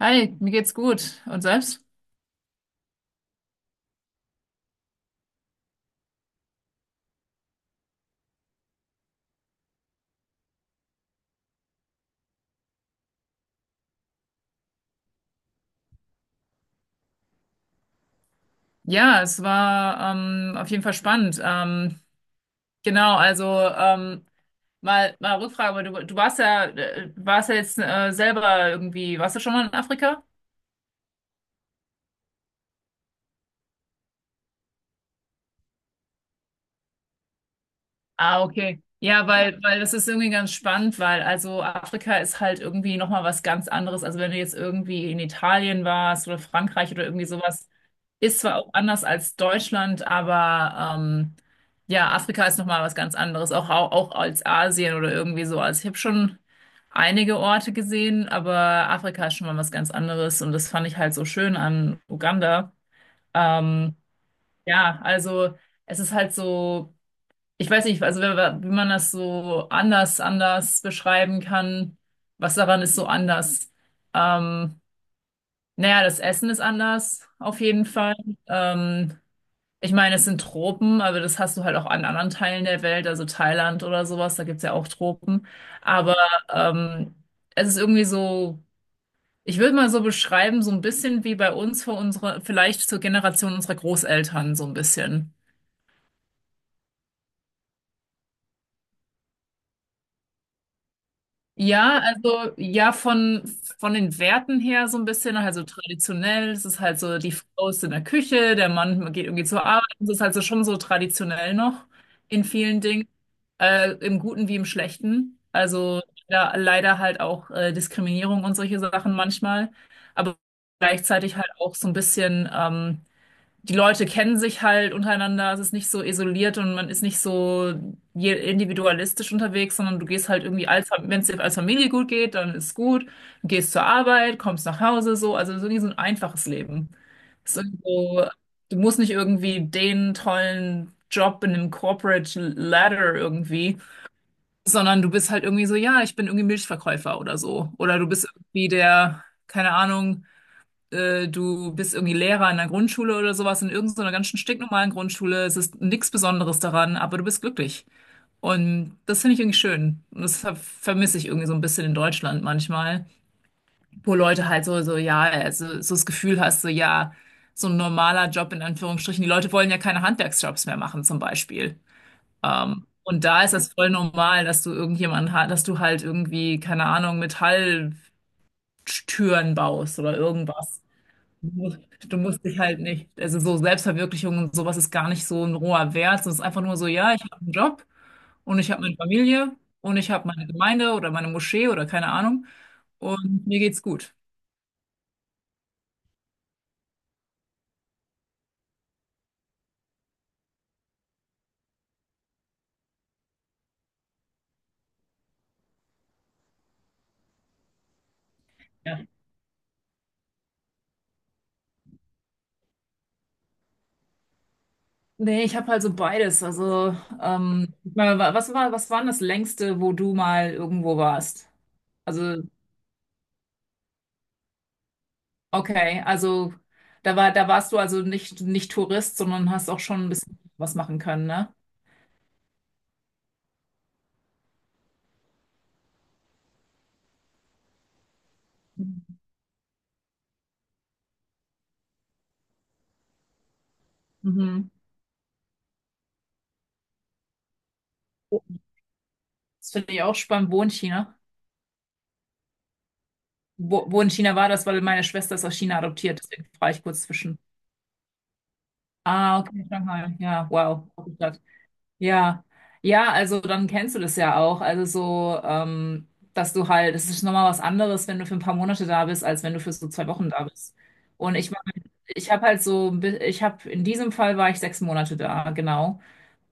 Hi, mir geht's gut. Und selbst? Ja, es war auf jeden Fall spannend. Genau, also ähm, mal Rückfrage, aber du warst ja jetzt selber irgendwie, warst du schon mal in Afrika? Ah, okay. Ja, weil das ist irgendwie ganz spannend, weil also Afrika ist halt irgendwie nochmal was ganz anderes. Also wenn du jetzt irgendwie in Italien warst oder Frankreich oder irgendwie sowas, ist zwar auch anders als Deutschland, aber ja, Afrika ist nochmal was ganz anderes. Auch als Asien oder irgendwie so. Also ich habe schon einige Orte gesehen, aber Afrika ist schon mal was ganz anderes und das fand ich halt so schön an Uganda. Ähm, ja, also es ist halt so, ich weiß nicht, also wenn, wie man das so anders beschreiben kann, was daran ist so anders. Ähm, naja, das Essen ist anders, auf jeden Fall. Ähm, ich meine, es sind Tropen, aber das hast du halt auch an anderen Teilen der Welt, also Thailand oder sowas, da gibt's ja auch Tropen. Aber ähm, es ist irgendwie so, ich würde mal so beschreiben, so ein bisschen wie bei uns, vor unserer, vielleicht zur Generation unserer Großeltern, so ein bisschen. Ja, also ja, von den Werten her so ein bisschen, also traditionell, es ist halt so, die Frau ist in der Küche, der Mann geht irgendwie zur Arbeit, es ist halt so schon so traditionell noch in vielen Dingen, im Guten wie im Schlechten. Also da leider halt auch Diskriminierung und solche Sachen manchmal, aber gleichzeitig halt auch so ein bisschen die Leute kennen sich halt untereinander, es ist nicht so isoliert und man ist nicht so individualistisch unterwegs, sondern du gehst halt irgendwie als, wenn es dir als Familie gut geht, dann ist gut, du gehst zur Arbeit, kommst nach Hause, so, also so irgendwie so ein einfaches Leben. Es ist irgendwie so, du musst nicht irgendwie den tollen Job in einem Corporate Ladder irgendwie, sondern du bist halt irgendwie so, ja, ich bin irgendwie Milchverkäufer oder so, oder du bist irgendwie der, keine Ahnung, du bist irgendwie Lehrer in einer Grundschule oder sowas, in irgendeiner ganz stinknormalen Grundschule. Es ist nichts Besonderes daran, aber du bist glücklich. Und das finde ich irgendwie schön. Und das vermisse ich irgendwie so ein bisschen in Deutschland manchmal, wo Leute halt ja, also, so das Gefühl hast, so, ja, so ein normaler Job in Anführungsstrichen. Die Leute wollen ja keine Handwerksjobs mehr machen, zum Beispiel. Und da ist das voll normal, dass du dass du halt irgendwie, keine Ahnung, Metalltüren baust oder irgendwas. Du musst, du musst dich halt nicht, also so Selbstverwirklichung und sowas ist gar nicht so ein roher Wert, es ist einfach nur so, ja, ich habe einen Job und ich habe meine Familie und ich habe meine Gemeinde oder meine Moschee oder keine Ahnung und mir geht's gut. Ja. Nee, ich habe halt so beides. Also, ich meine, was war denn das Längste, wo du mal irgendwo warst? Also, okay, also da war, da warst du also nicht Tourist, sondern hast auch schon ein bisschen was machen können, ne? Mhm. Das finde ich auch spannend. Wo in China? Wo in China war das? Weil meine Schwester ist aus China adoptiert. Deswegen frage ich kurz zwischen. Ah, okay, Shanghai. Ja, wow. Gute Stadt. Ja. Ja, also dann kennst du das ja auch. Also so, dass du halt, es ist nochmal was anderes, wenn du für ein paar Monate da bist, als wenn du für so 2 Wochen da bist. Und ich war, ich habe halt so, ich habe, in diesem Fall war ich 6 Monate da, genau.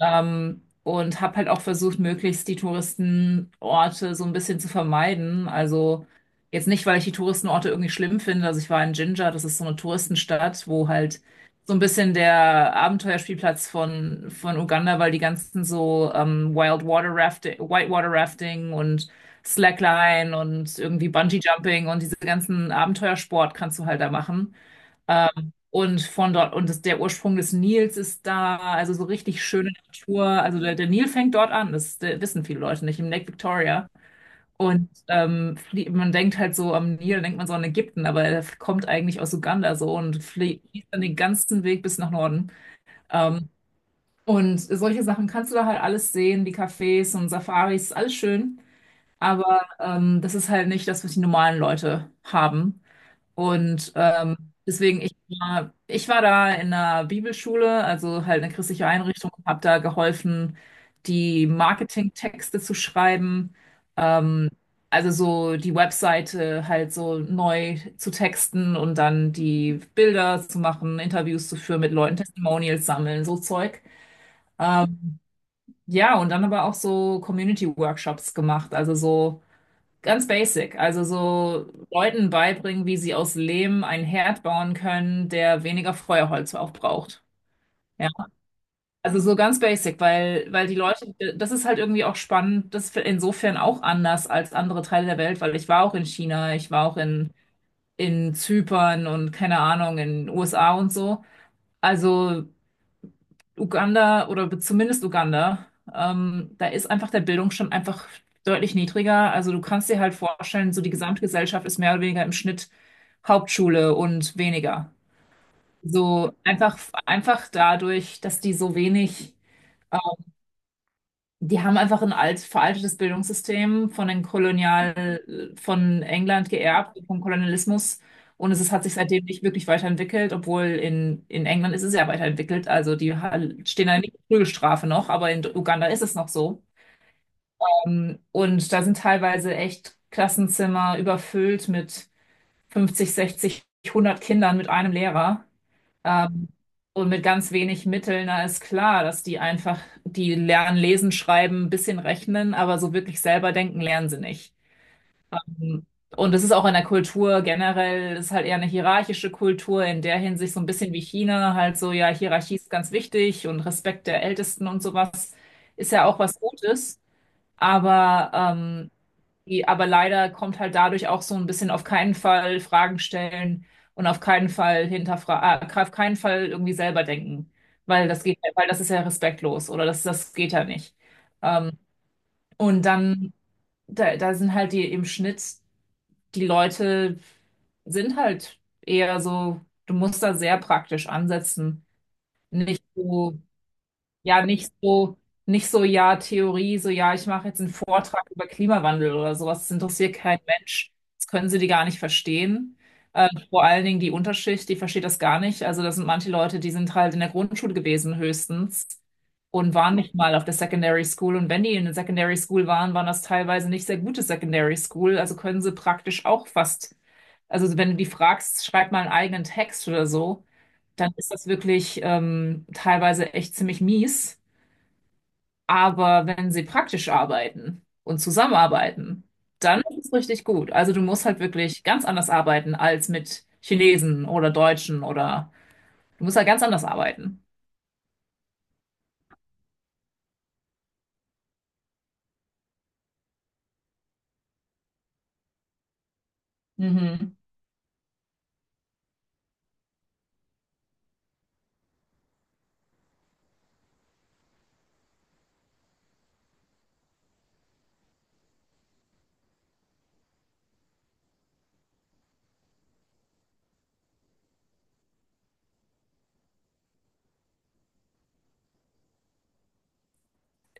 Und habe halt auch versucht, möglichst die Touristenorte so ein bisschen zu vermeiden. Also jetzt nicht, weil ich die Touristenorte irgendwie schlimm finde. Also ich war in Jinja, das ist so eine Touristenstadt, wo halt so ein bisschen der Abenteuerspielplatz von Uganda, weil die ganzen so Wild Water Rafting, Whitewater Rafting und Slackline und irgendwie Bungee Jumping und diese ganzen Abenteuersport kannst du halt da machen. Und von dort, und das, der Ursprung des Nils ist da, also so richtig schöne Natur. Also der Nil fängt dort an, das wissen viele Leute nicht, im Lake Victoria. Und man denkt halt so am Nil, denkt man so an Ägypten, aber er kommt eigentlich aus Uganda so und fließt dann den ganzen Weg bis nach Norden. Ähm, und solche Sachen kannst du da halt alles sehen, die Cafés und Safaris, ist alles schön. Aber das ist halt nicht das, was die normalen Leute haben. Und deswegen, ich war da in einer Bibelschule, also halt eine christliche Einrichtung, habe da geholfen, die Marketingtexte zu schreiben, ähm, also so die Webseite halt so neu zu texten und dann die Bilder zu machen, Interviews zu führen mit Leuten, Testimonials sammeln, so Zeug. Ähm, ja, und dann aber auch so Community-Workshops gemacht, also so ganz basic, also so Leuten beibringen, wie sie aus Lehm einen Herd bauen können, der weniger Feuerholz auch braucht. Ja, also so ganz basic, weil die Leute, das ist halt irgendwie auch spannend, das ist insofern auch anders als andere Teile der Welt, weil ich war auch in China, ich war auch in Zypern und keine Ahnung, in den USA und so. Also Uganda oder zumindest Uganda, da ist einfach der Bildungsstand einfach deutlich niedriger. Also du kannst dir halt vorstellen, so die gesamte Gesellschaft ist mehr oder weniger im Schnitt Hauptschule und weniger. So einfach, einfach dadurch, dass die so wenig die haben einfach ein alt, veraltetes Bildungssystem von den Kolonial, von England geerbt, vom Kolonialismus. Und es ist, hat sich seitdem nicht wirklich weiterentwickelt, obwohl in England ist es ja weiterentwickelt. Also die stehen da nicht in Prügelstrafe noch, aber in Uganda ist es noch so. Und da sind teilweise echt Klassenzimmer überfüllt mit 50, 60, 100 Kindern mit einem Lehrer. Ähm, und mit ganz wenig Mitteln, na ist klar, dass die einfach, die lernen lesen, schreiben, ein bisschen rechnen, aber so wirklich selber denken lernen sie nicht. Und es ist auch in der Kultur generell, es ist halt eher eine hierarchische Kultur, in der Hinsicht so ein bisschen wie China, halt so, ja, Hierarchie ist ganz wichtig und Respekt der Ältesten und sowas ist ja auch was Gutes, aber ähm, aber leider kommt halt dadurch auch so ein bisschen auf keinen Fall Fragen stellen und auf keinen Fall hinterfragen, auf keinen Fall irgendwie selber denken, weil das geht, weil das ist ja respektlos oder das, das geht ja nicht. Ähm, und dann, da sind halt die im Schnitt, die Leute sind halt eher so, du musst da sehr praktisch ansetzen, nicht so. Ja, nicht so, nicht so, ja, Theorie, so, ja, ich mache jetzt einen Vortrag über Klimawandel oder sowas. Das interessiert kein Mensch. Das können sie die gar nicht verstehen. Vor allen Dingen die Unterschicht, die versteht das gar nicht. Also, das sind manche Leute, die sind halt in der Grundschule gewesen, höchstens, und waren nicht mal auf der Secondary School. Und wenn die in der Secondary School waren, waren das teilweise nicht sehr gute Secondary School. Also können sie praktisch auch fast, also wenn du die fragst, schreib mal einen eigenen Text oder so, dann ist das wirklich teilweise echt ziemlich mies. Aber wenn sie praktisch arbeiten und zusammenarbeiten, dann ist es richtig gut. Also du musst halt wirklich ganz anders arbeiten als mit Chinesen oder Deutschen oder du musst halt ganz anders arbeiten. Mhm.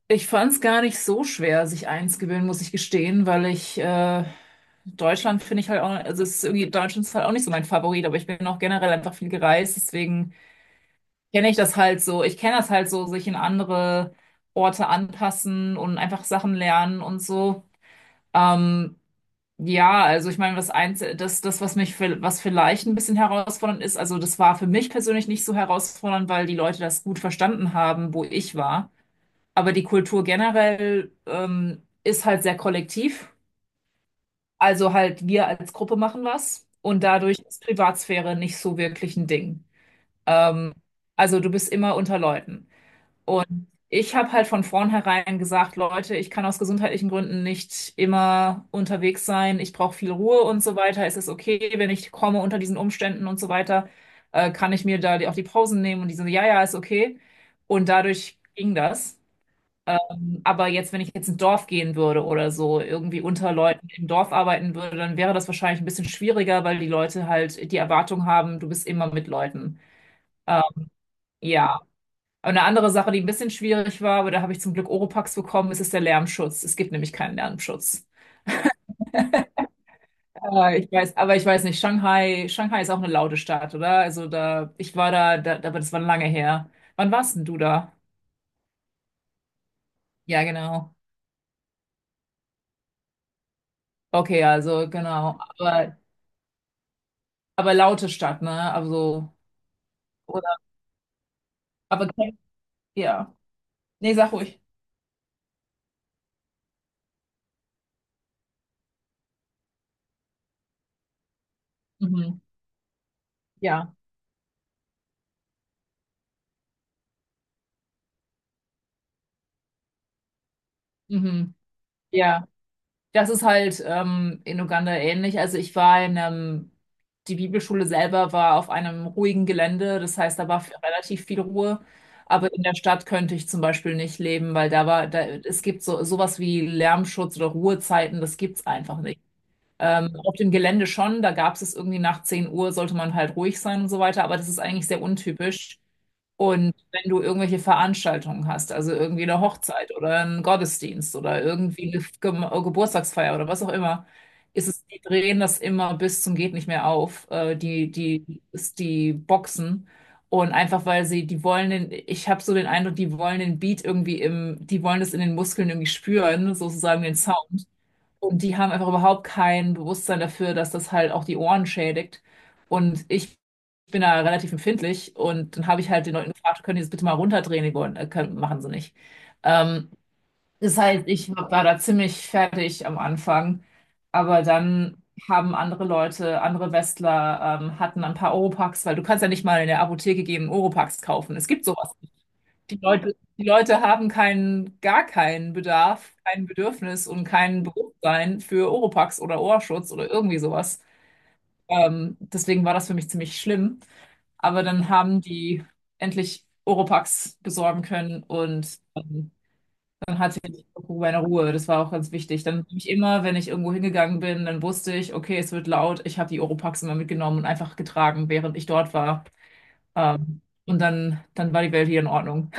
Ich fand es gar nicht so schwer, sich einzugewöhnen, muss ich gestehen, weil ich Deutschland finde ich halt auch, also es ist irgendwie, Deutschland ist halt auch nicht so mein Favorit, aber ich bin auch generell einfach viel gereist, deswegen kenne ich das halt so. Ich kenne das halt so, sich in andere Orte anpassen und einfach Sachen lernen und so. Ähm, ja, also ich meine, was eins, was mich, was vielleicht ein bisschen herausfordernd ist, also das war für mich persönlich nicht so herausfordernd, weil die Leute das gut verstanden haben, wo ich war. Aber die Kultur generell, ist halt sehr kollektiv. Also halt wir als Gruppe machen was und dadurch ist Privatsphäre nicht so wirklich ein Ding. Ähm, also du bist immer unter Leuten. Ich habe halt von vornherein gesagt, Leute, ich kann aus gesundheitlichen Gründen nicht immer unterwegs sein. Ich brauche viel Ruhe und so weiter. Es ist okay, wenn ich komme unter diesen Umständen und so weiter, kann ich mir da die, auch die Pausen nehmen und die so, ja, ja, ist okay. Und dadurch ging das. Aber jetzt, wenn ich jetzt ins Dorf gehen würde oder so, irgendwie unter Leuten im Dorf arbeiten würde, dann wäre das wahrscheinlich ein bisschen schwieriger, weil die Leute halt die Erwartung haben, du bist immer mit Leuten. Ähm, ja. Und eine andere Sache, die ein bisschen schwierig war, aber da habe ich zum Glück Oropax bekommen, ist der Lärmschutz. Es gibt nämlich keinen Lärmschutz. Ich weiß, aber ich weiß nicht, Shanghai ist auch eine laute Stadt, oder? Also da, ich war da, aber das war lange her. Wann warst denn du da? Ja, genau. Okay, also genau. Aber laute Stadt, ne? Also, oder, aber ja. Nee, sag ruhig. Mhm. Ja. Mhm. Ja. Das ist halt in Uganda ähnlich. Also ich war in einem, die Bibelschule selber war auf einem ruhigen Gelände, das heißt, da war relativ viel Ruhe. Aber in der Stadt könnte ich zum Beispiel nicht leben, weil da, es gibt so sowas wie Lärmschutz oder Ruhezeiten, das gibt's einfach nicht. Auf dem Gelände schon, da gab es irgendwie nach 10 Uhr, sollte man halt ruhig sein und so weiter, aber das ist eigentlich sehr untypisch. Und wenn du irgendwelche Veranstaltungen hast, also irgendwie eine Hochzeit oder einen Gottesdienst oder irgendwie eine Ge Geburtstagsfeier oder was auch immer, ist es, die drehen das immer bis zum geht nicht mehr auf, ist die Boxen. Und einfach weil sie, die wollen den, ich habe so den Eindruck, die wollen den Beat irgendwie im, die wollen es in den Muskeln irgendwie spüren, sozusagen den Sound. Und die haben einfach überhaupt kein Bewusstsein dafür, dass das halt auch die Ohren schädigt. Und ich bin da relativ empfindlich und dann habe ich halt den Leuten gefragt, können die das bitte mal runterdrehen? Die wollen, können, machen sie nicht. Ähm, das heißt, ich war da ziemlich fertig am Anfang, aber dann haben andere Leute, andere Westler, hatten ein paar Oropax, weil du kannst ja nicht mal in der Apotheke gehen und Oropax kaufen. Es gibt sowas. Die Leute haben keinen, gar keinen Bedarf, kein Bedürfnis und kein Bewusstsein für Oropax oder Ohrschutz oder irgendwie sowas. Deswegen war das für mich ziemlich schlimm. Aber dann haben die endlich Oropax besorgen können und dann hatte ich irgendwo meine Ruhe. Das war auch ganz wichtig. Dann habe ich immer, wenn ich irgendwo hingegangen bin, dann wusste ich, okay, es wird laut. Ich habe die Oropax immer mitgenommen und einfach getragen, während ich dort war. Und dann war die Welt hier in Ordnung.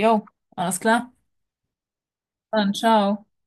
Jo, alles klar. Dann ciao.